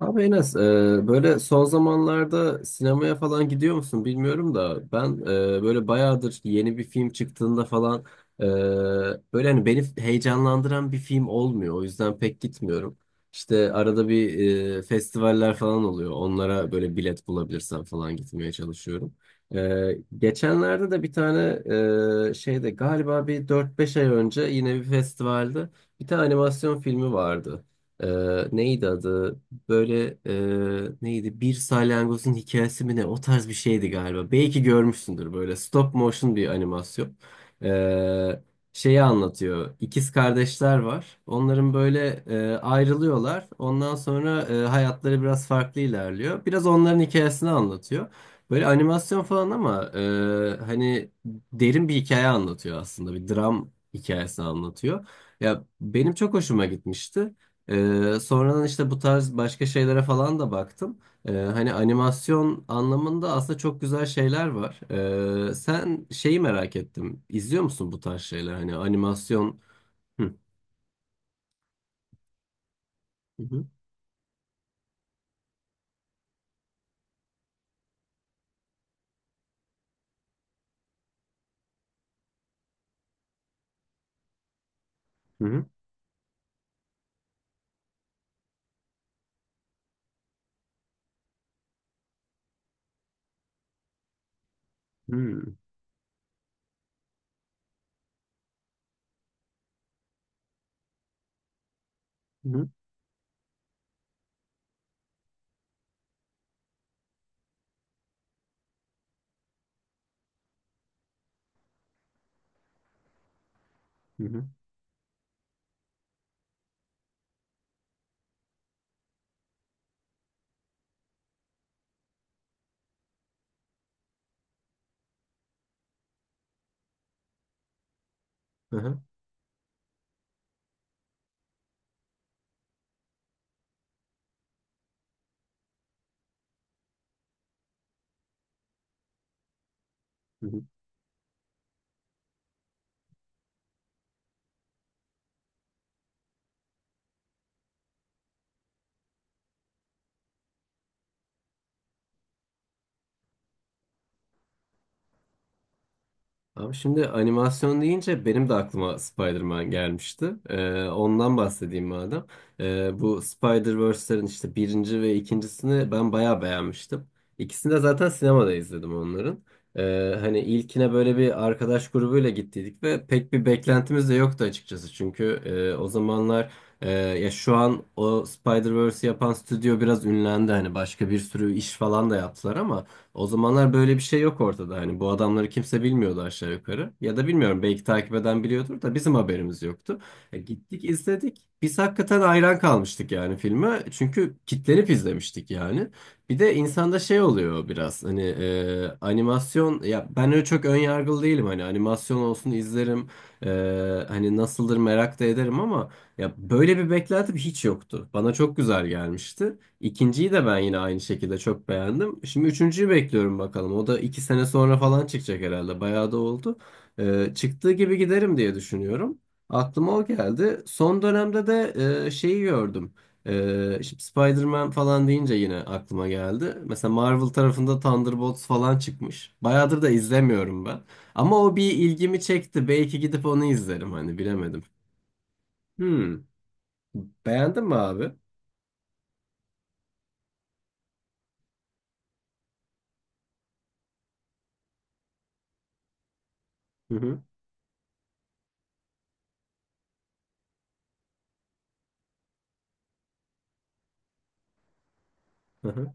Abi Enes, böyle son zamanlarda sinemaya falan gidiyor musun bilmiyorum da ben böyle bayağıdır yeni bir film çıktığında falan e, böyle hani beni heyecanlandıran bir film olmuyor. O yüzden pek gitmiyorum. İşte arada bir festivaller falan oluyor. Onlara böyle bilet bulabilirsem falan gitmeye çalışıyorum. Geçenlerde de bir tane şeyde galiba bir 4 5 ay önce yine bir festivalde bir tane animasyon filmi vardı. E, Neydi adı? Böyle neydi? Bir salyangozun hikayesi mi ne? O tarz bir şeydi galiba. Belki görmüşsündür böyle stop motion bir animasyon. E, Şeyi anlatıyor. İkiz kardeşler var. Onların böyle ayrılıyorlar. Ondan sonra hayatları biraz farklı ilerliyor. Biraz onların hikayesini anlatıyor. Böyle animasyon falan ama hani derin bir hikaye anlatıyor aslında. Bir dram hikayesi anlatıyor. Ya benim çok hoşuma gitmişti. Sonradan işte bu tarz başka şeylere falan da baktım. Hani animasyon anlamında aslında çok güzel şeyler var. Sen şeyi merak ettim. İzliyor musun bu tarz şeyler? Hani animasyon... Hı. Hı hı. Hı hı. Hı hı. Hı hı. Hı hı. Hı hı. Abi şimdi animasyon deyince benim de aklıma Spider-Man gelmişti. Ondan bahsedeyim madem. Bu Spider-Verse'lerin işte birinci ve ikincisini ben bayağı beğenmiştim. İkisini de zaten sinemada izledim onların. Hani ilkine böyle bir arkadaş grubuyla gittiydik ve pek bir beklentimiz de yoktu açıkçası. Çünkü o zamanlar ya şu an o Spider-Verse'i yapan stüdyo biraz ünlendi. Hani başka bir sürü iş falan da yaptılar ama... O zamanlar böyle bir şey yok ortada. Hani bu adamları kimse bilmiyordu aşağı yukarı. Ya da bilmiyorum belki takip eden biliyordur da bizim haberimiz yoktu. Gittik izledik. Biz hakikaten hayran kalmıştık yani filme. Çünkü kitlenip izlemiştik yani. Bir de insanda şey oluyor biraz hani animasyon ya ben öyle çok ön yargılı değilim hani animasyon olsun izlerim. E, Hani nasıldır merak da ederim ama ya böyle bir beklentim hiç yoktu. Bana çok güzel gelmişti. İkinciyi de ben yine aynı şekilde çok beğendim. Şimdi üçüncüyü bekliyorum bakalım. O da 2 sene sonra falan çıkacak herhalde. Bayağı da oldu. Çıktığı gibi giderim diye düşünüyorum. Aklıma o geldi. Son dönemde de şeyi gördüm. Şimdi Spider-Man falan deyince yine aklıma geldi. Mesela Marvel tarafında Thunderbolts falan çıkmış. Bayağıdır da izlemiyorum ben. Ama o bir ilgimi çekti. Belki gidip onu izlerim hani bilemedim. Hmm. Beğendin mi abi? Hı hı. Hı hı.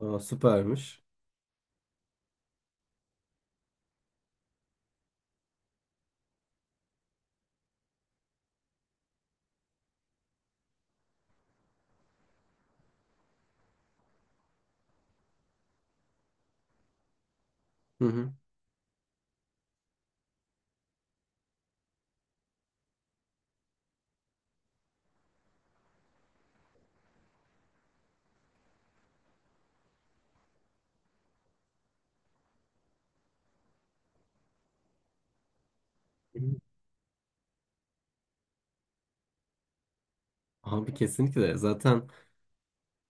Aa, süpermiş. Hı hı. Abi kesinlikle zaten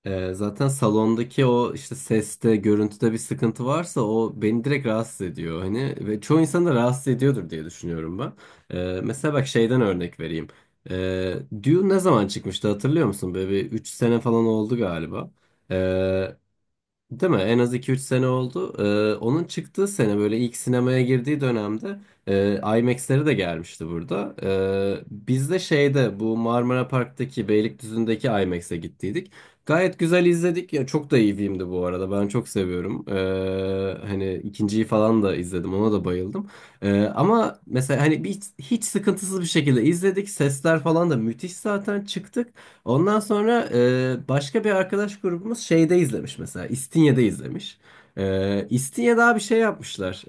zaten salondaki o işte seste görüntüde bir sıkıntı varsa o beni direkt rahatsız ediyor hani ve çoğu insan da rahatsız ediyordur diye düşünüyorum ben. Mesela bak şeyden örnek vereyim. E, Dune ne zaman çıkmıştı hatırlıyor musun? Böyle bir 3 sene falan oldu galiba. E, Değil mi? En az 2 3 sene oldu. Onun çıktığı sene böyle ilk sinemaya girdiği dönemde e, IMAX'leri de gelmişti burada. Biz de şeyde bu Marmara Park'taki Beylikdüzü'ndeki IMAX'e gittiydik. Gayet güzel izledik. Ya çok da iyi filmdi bu arada. Ben çok seviyorum. Hani ikinciyi falan da izledim. Ona da bayıldım. Ama mesela hani bir, hiç sıkıntısız bir şekilde izledik. Sesler falan da müthiş zaten çıktık. Ondan sonra başka bir arkadaş grubumuz şeyde izlemiş mesela. İstinye'de izlemiş. İstinye'de daha bir şey yapmışlar.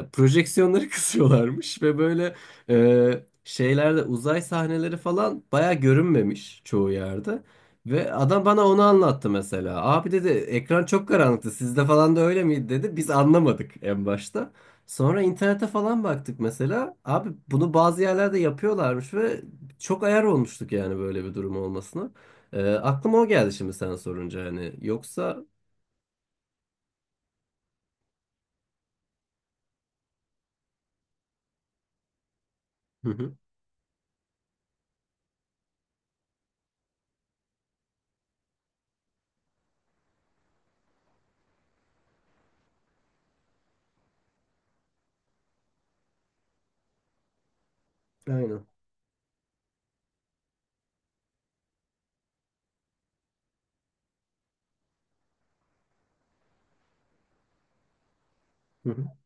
Projeksiyonları kısıyorlarmış ve böyle şeylerde uzay sahneleri falan baya görünmemiş çoğu yerde. Ve adam bana onu anlattı mesela. Abi dedi ekran çok karanlıktı. Sizde falan da öyle miydi dedi. Biz anlamadık en başta. Sonra internete falan baktık mesela. Abi bunu bazı yerlerde yapıyorlarmış ve çok ayar olmuştuk yani böyle bir durum olmasına. Aklıma o geldi şimdi sen sorunca hani. Yoksa hı hı, aynen. Hı hı.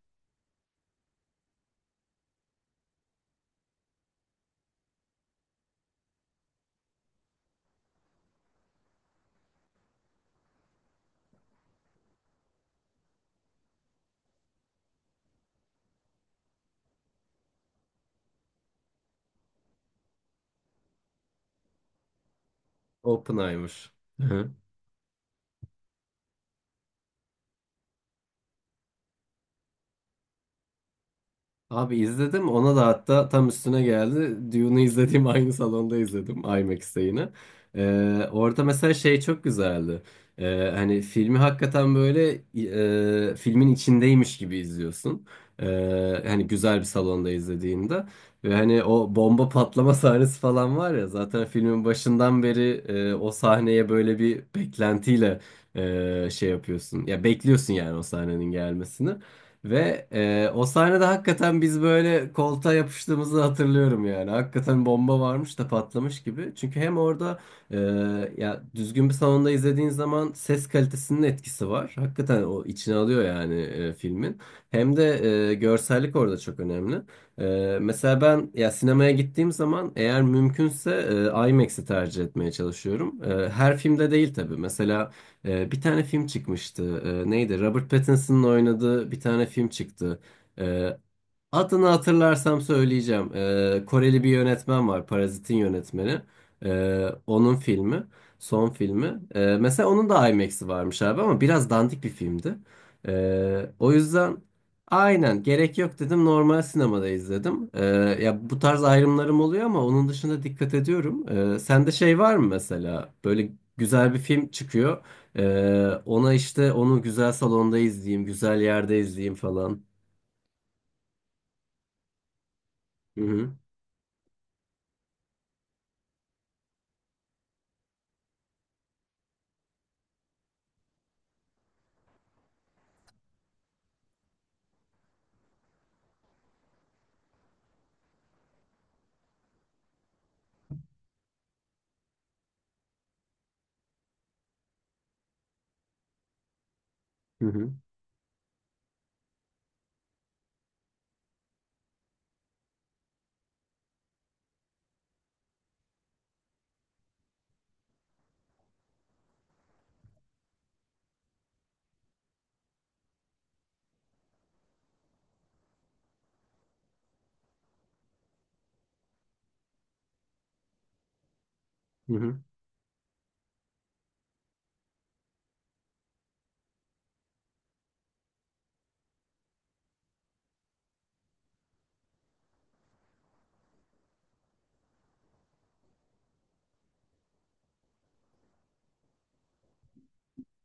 Oppenheimer. Abi izledim ona da hatta tam üstüne geldi. Dune'u izlediğim aynı salonda izledim IMAX'te yine. Orada mesela şey çok güzeldi. Hani filmi hakikaten böyle filmin içindeymiş gibi izliyorsun. Hani güzel bir salonda izlediğinde. Ve hani o bomba patlama sahnesi falan var ya zaten filmin başından beri o sahneye böyle bir beklentiyle şey yapıyorsun. Ya bekliyorsun yani o sahnenin gelmesini. Ve o sahnede hakikaten biz böyle koltuğa yapıştığımızı hatırlıyorum yani. Hakikaten bomba varmış da patlamış gibi. Çünkü hem orada e, ya düzgün bir salonda izlediğin zaman ses kalitesinin etkisi var. Hakikaten o içine alıyor yani filmin. Hem de görsellik orada çok önemli. Mesela ben ya sinemaya gittiğim zaman eğer mümkünse IMAX'i tercih etmeye çalışıyorum. E, her filmde değil tabii. Mesela bir tane film çıkmıştı. Neydi? Robert Pattinson'ın oynadığı bir tane film çıktı. Ee, Adını hatırlarsam söyleyeceğim. Koreli bir yönetmen var. Parazit'in yönetmeni. Onun filmi. Son filmi. Mesela onun da IMAX'i varmış abi ama biraz dandik bir filmdi. O yüzden aynen gerek yok dedim. Normal sinemada izledim. Ya bu tarz ayrımlarım oluyor ama onun dışında dikkat ediyorum. Sende şey var mı mesela? Böyle güzel bir film çıkıyor. Ona işte onu güzel salonda izleyeyim, güzel yerde izleyeyim falan. Hı hı. Hı hı. Hı hı,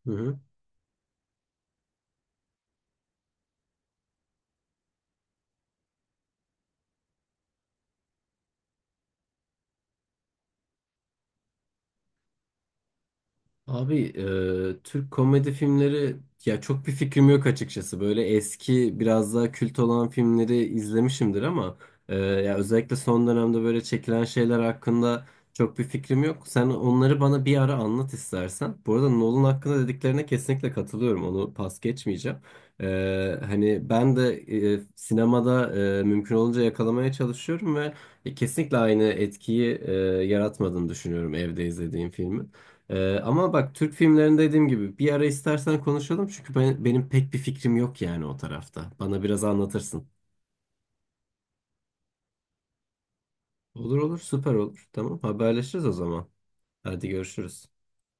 hı hı. Abi Türk komedi filmleri ya çok bir fikrim yok açıkçası. Böyle eski biraz daha kült olan filmleri izlemişimdir ama ya özellikle son dönemde böyle çekilen şeyler hakkında çok bir fikrim yok. Sen onları bana bir ara anlat istersen. Bu arada Nolan hakkında dediklerine kesinlikle katılıyorum. Onu pas geçmeyeceğim. Hani ben de sinemada mümkün olunca yakalamaya çalışıyorum ve kesinlikle aynı etkiyi yaratmadığını düşünüyorum evde izlediğim filmi. Ama bak Türk filmlerinde dediğim gibi bir ara istersen konuşalım çünkü benim pek bir fikrim yok yani o tarafta. Bana biraz anlatırsın. Olur olur süper olur. Tamam haberleşiriz o zaman. Hadi görüşürüz.